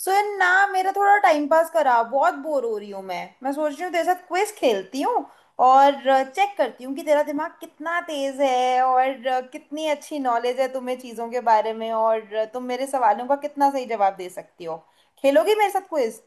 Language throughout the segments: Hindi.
सो यार ना मेरा थोड़ा टाइम पास करा, बहुत बोर हो रही हूँ। मैं सोच रही हूँ तेरे साथ क्विज खेलती हूँ और चेक करती हूँ कि तेरा दिमाग कितना तेज है और कितनी अच्छी नॉलेज है तुम्हें चीज़ों के बारे में, और तुम मेरे सवालों का कितना सही जवाब दे सकती हो। खेलोगी मेरे साथ क्विज?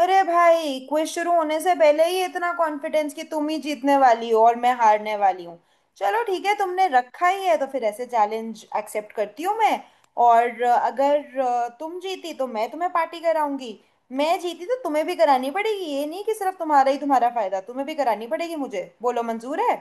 अरे भाई, क्विज शुरू होने से पहले ही इतना कॉन्फिडेंस कि तुम ही जीतने वाली हो और मैं हारने वाली हूँ। चलो ठीक है, तुमने रखा ही है तो फिर ऐसे चैलेंज एक्सेप्ट करती हूँ मैं। और अगर तुम जीती तो मैं तुम्हें पार्टी कराऊंगी। मैं जीती तो तुम्हें भी करानी पड़ेगी, ये नहीं कि सिर्फ तुम्हारा ही तुम्हारा फायदा। तुम्हें भी करानी पड़ेगी, मुझे बोलो मंजूर है।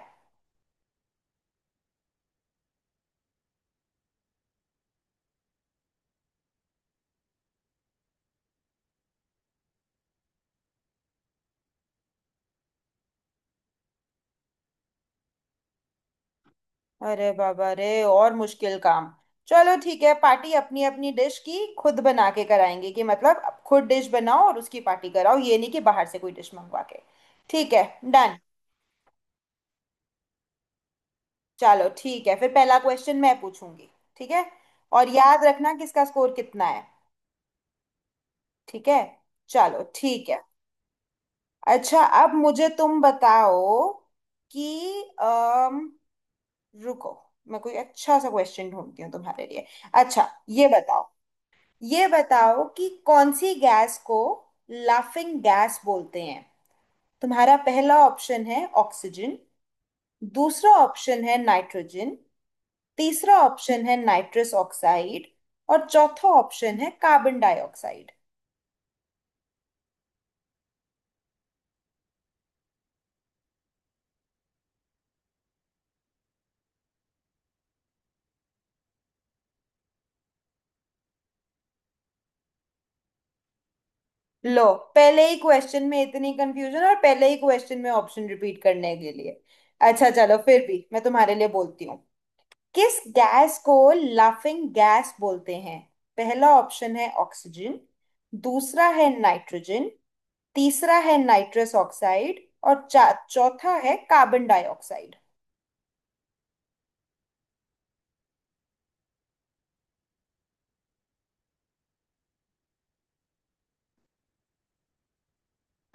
अरे बाबा रे, और मुश्किल काम। चलो ठीक है, पार्टी अपनी अपनी डिश की खुद बना के कराएंगे, कि मतलब अब खुद डिश बनाओ और उसकी पार्टी कराओ, ये नहीं कि बाहर से कोई डिश मंगवा के। ठीक है। डन। चलो ठीक है फिर, पहला क्वेश्चन मैं पूछूंगी। ठीक है। और याद रखना किसका स्कोर कितना है। ठीक है। चलो ठीक है। अच्छा अब मुझे तुम बताओ कि अम, रुको, मैं कोई अच्छा सा क्वेश्चन ढूंढती हूँ तुम्हारे लिए। अच्छा, ये बताओ, ये बताओ कि कौन सी गैस को लाफिंग गैस बोलते हैं। तुम्हारा पहला ऑप्शन है ऑक्सीजन, दूसरा ऑप्शन है नाइट्रोजन, तीसरा ऑप्शन है नाइट्रस ऑक्साइड, और चौथा ऑप्शन है कार्बन डाइऑक्साइड। लो, पहले ही क्वेश्चन में इतनी कंफ्यूजन, और पहले ही क्वेश्चन में ऑप्शन रिपीट करने के लिए। अच्छा चलो, फिर भी मैं तुम्हारे लिए बोलती हूँ। किस गैस को लाफिंग गैस बोलते हैं? पहला ऑप्शन है ऑक्सीजन, दूसरा है नाइट्रोजन, तीसरा है नाइट्रस ऑक्साइड, और चौथा है कार्बन डाइऑक्साइड।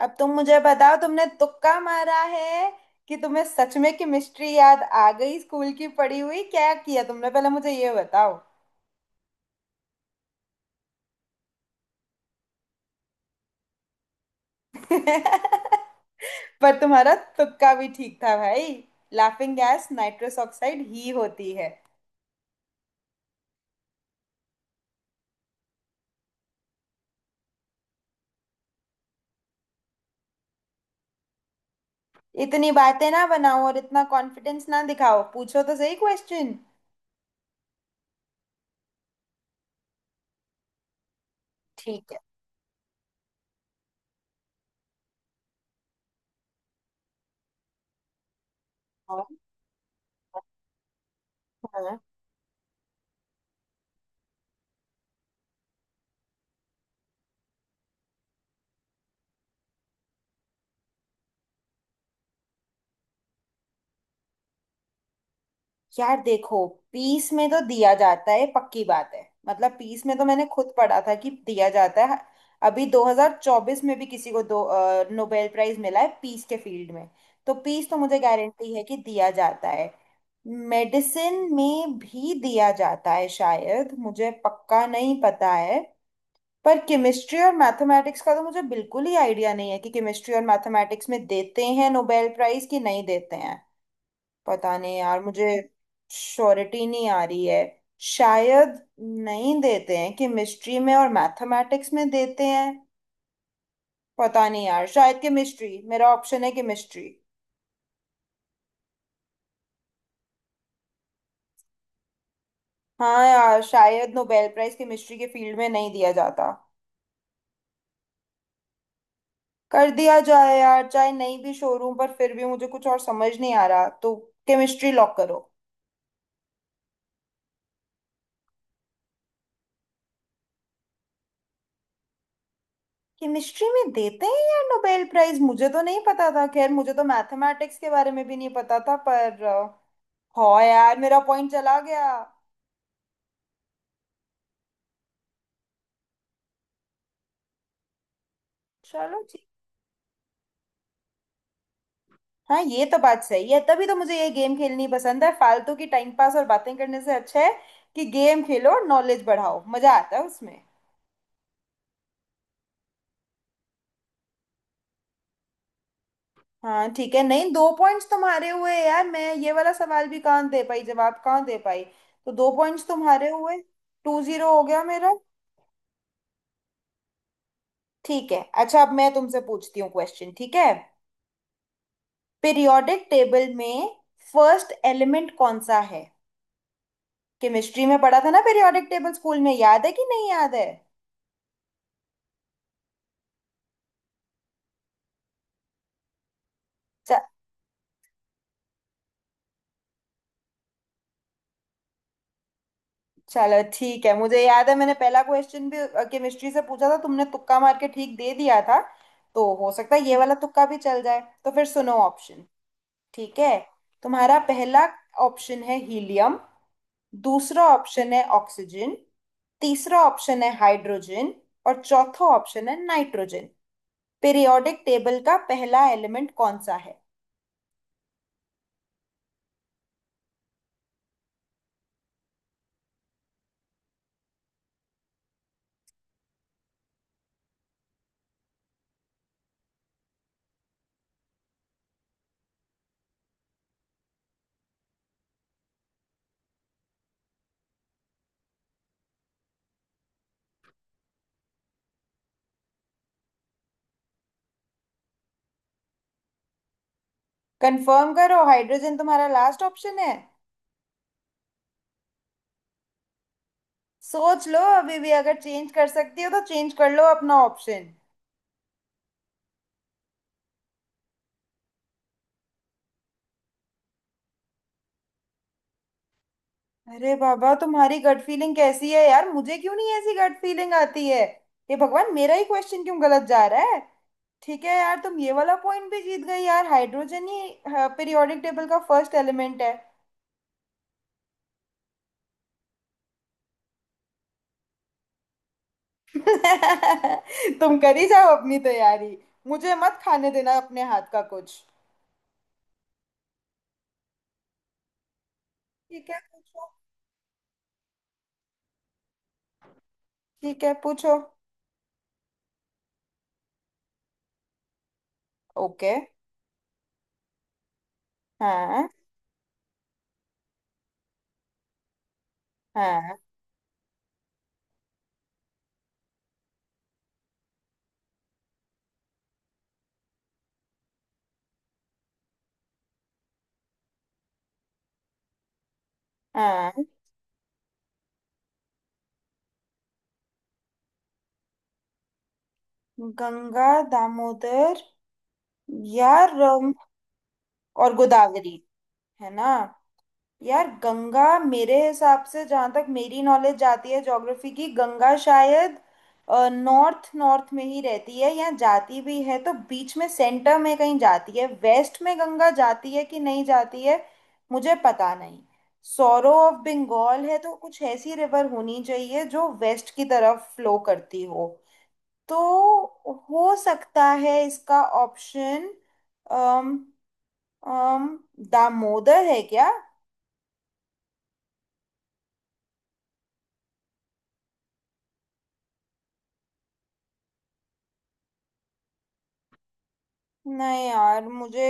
अब तुम मुझे बताओ, तुमने तुक्का मारा है कि तुम्हें सच में केमिस्ट्री याद आ गई स्कूल की पढ़ी हुई? क्या किया तुमने, पहले मुझे ये बताओ। पर तुम्हारा तुक्का भी ठीक था भाई, लाफिंग गैस नाइट्रस ऑक्साइड ही होती है। इतनी बातें ना बनाओ और इतना कॉन्फिडेंस ना दिखाओ, पूछो तो सही क्वेश्चन। ठीक है। हाँ। हाँ, यार देखो, पीस में तो दिया जाता है, पक्की बात है। मतलब पीस में तो मैंने खुद पढ़ा था कि दिया जाता है। अभी 2024 में भी किसी को दो नोबेल प्राइज मिला है पीस के फील्ड में। तो पीस तो मुझे गारंटी है कि दिया जाता है। मेडिसिन में भी दिया जाता है शायद, मुझे पक्का नहीं पता है। पर केमिस्ट्री और मैथमेटिक्स का तो मुझे बिल्कुल ही आइडिया नहीं है कि केमिस्ट्री और मैथमेटिक्स में देते हैं नोबेल प्राइज कि नहीं देते हैं। पता नहीं यार मुझे, श्योरिटी नहीं आ रही है। शायद नहीं देते हैं केमिस्ट्री में, और मैथमेटिक्स में देते हैं। पता नहीं यार, शायद केमिस्ट्री मेरा ऑप्शन है, केमिस्ट्री। हाँ यार, शायद नोबेल प्राइज केमिस्ट्री के फील्ड में नहीं दिया जाता। कर दिया जाए यार, चाहे नहीं भी शोरूम पर फिर भी मुझे कुछ और समझ नहीं आ रहा, तो केमिस्ट्री लॉक करो। केमिस्ट्री में देते हैं यार नोबेल प्राइज, मुझे तो नहीं पता था। खैर, मुझे तो मैथमेटिक्स के बारे में भी नहीं पता था पर हो यार मेरा पॉइंट चला गया। चलो ठीक। हाँ ये तो बात सही है, तभी तो मुझे ये गेम खेलनी पसंद है। फालतू की टाइम पास और बातें करने से अच्छा है कि गेम खेलो और नॉलेज बढ़ाओ, मजा आता है उसमें। हाँ ठीक है, नहीं दो पॉइंट्स तुम्हारे हुए यार, मैं ये वाला सवाल भी कहाँ दे पाई जवाब, कहाँ दे पाई। तो दो पॉइंट्स तुम्हारे हुए, टू जीरो हो गया मेरा। ठीक है, अच्छा अब मैं तुमसे पूछती हूँ क्वेश्चन, ठीक है। पीरियोडिक टेबल में फर्स्ट एलिमेंट कौन सा है? केमिस्ट्री में पढ़ा था ना पीरियोडिक टेबल स्कूल में, याद है कि नहीं याद है? च- चलो ठीक है, मुझे याद है, मैंने पहला क्वेश्चन भी केमिस्ट्री से पूछा था, तुमने तुक्का मार के ठीक दे दिया था, तो हो सकता है ये वाला तुक्का भी चल जाए। तो फिर सुनो ऑप्शन। ठीक है। तुम्हारा पहला ऑप्शन है हीलियम, दूसरा ऑप्शन है ऑक्सीजन, तीसरा ऑप्शन है हाइड्रोजन, और चौथा ऑप्शन है नाइट्रोजन। पीरियोडिक टेबल का पहला एलिमेंट कौन सा है? कंफर्म करो, हाइड्रोजन तुम्हारा लास्ट ऑप्शन है? सोच लो अभी भी, अगर चेंज कर सकती हो तो चेंज कर लो अपना ऑप्शन। अरे बाबा, तुम्हारी गट फीलिंग कैसी है यार, मुझे क्यों नहीं ऐसी गट फीलिंग आती है। हे भगवान, मेरा ही क्वेश्चन क्यों गलत जा रहा है। ठीक है यार, तुम ये वाला पॉइंट भी जीत गई यार, हाइड्रोजन ही पीरियोडिक टेबल का फर्स्ट एलिमेंट है। तुम करी जाओ अपनी तैयारी, मुझे मत खाने देना अपने हाथ का कुछ। ठीक है पूछो। ठीक है पूछो। ओके। हाँ। हाँ। हाँ। गंगा, दामोदर, या रम, और गोदावरी, है ना? यार गंगा मेरे हिसाब से, जहाँ तक मेरी नॉलेज जाती है ज्योग्राफी की, गंगा शायद नॉर्थ, नॉर्थ में ही रहती है, या जाती भी है तो बीच में सेंटर में कहीं जाती है। वेस्ट में गंगा जाती है कि नहीं जाती है, मुझे पता नहीं। सौरो ऑफ बंगाल है तो कुछ ऐसी रिवर होनी चाहिए जो वेस्ट की तरफ फ्लो करती हो। तो हो सकता है इसका ऑप्शन अम अम दामोदर है क्या? नहीं यार, मुझे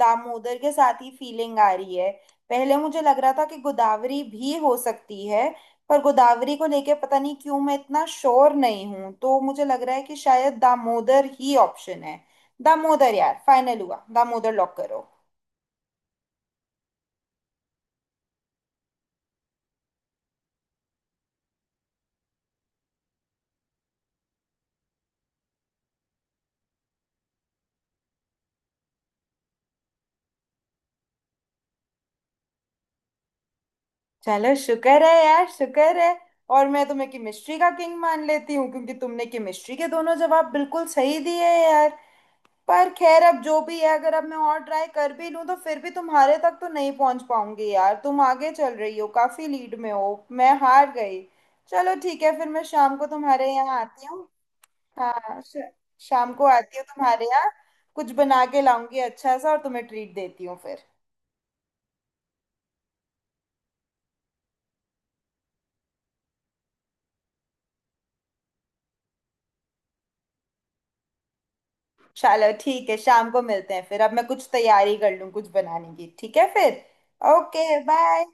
दामोदर के साथ ही फीलिंग आ रही है। पहले मुझे लग रहा था कि गोदावरी भी हो सकती है, पर गोदावरी को लेके पता नहीं क्यों मैं इतना श्योर नहीं हूं, तो मुझे लग रहा है कि शायद दामोदर ही ऑप्शन है। दामोदर यार, फाइनल हुआ, दामोदर लॉक करो। चलो शुक्र है यार, शुक्र है। और मैं तुम्हें केमिस्ट्री का किंग मान लेती हूँ, क्योंकि तुमने केमिस्ट्री के दोनों जवाब बिल्कुल सही दिए हैं यार। पर खैर अब जो भी है, अगर अब मैं और ट्राई कर भी लूं तो फिर भी तुम्हारे तक तो नहीं पहुंच पाऊंगी यार, तुम आगे चल रही हो, काफी लीड में हो। मैं हार गई। चलो ठीक है फिर, मैं शाम को तुम्हारे यहाँ आती हूँ। हाँ, शाम को आती हूँ तुम्हारे यहाँ, कुछ बना के लाऊंगी अच्छा सा और तुम्हें ट्रीट देती हूँ फिर। चलो ठीक है, शाम को मिलते हैं फिर, अब मैं कुछ तैयारी कर लूँ कुछ बनाने की, ठीक है फिर। Okay bye.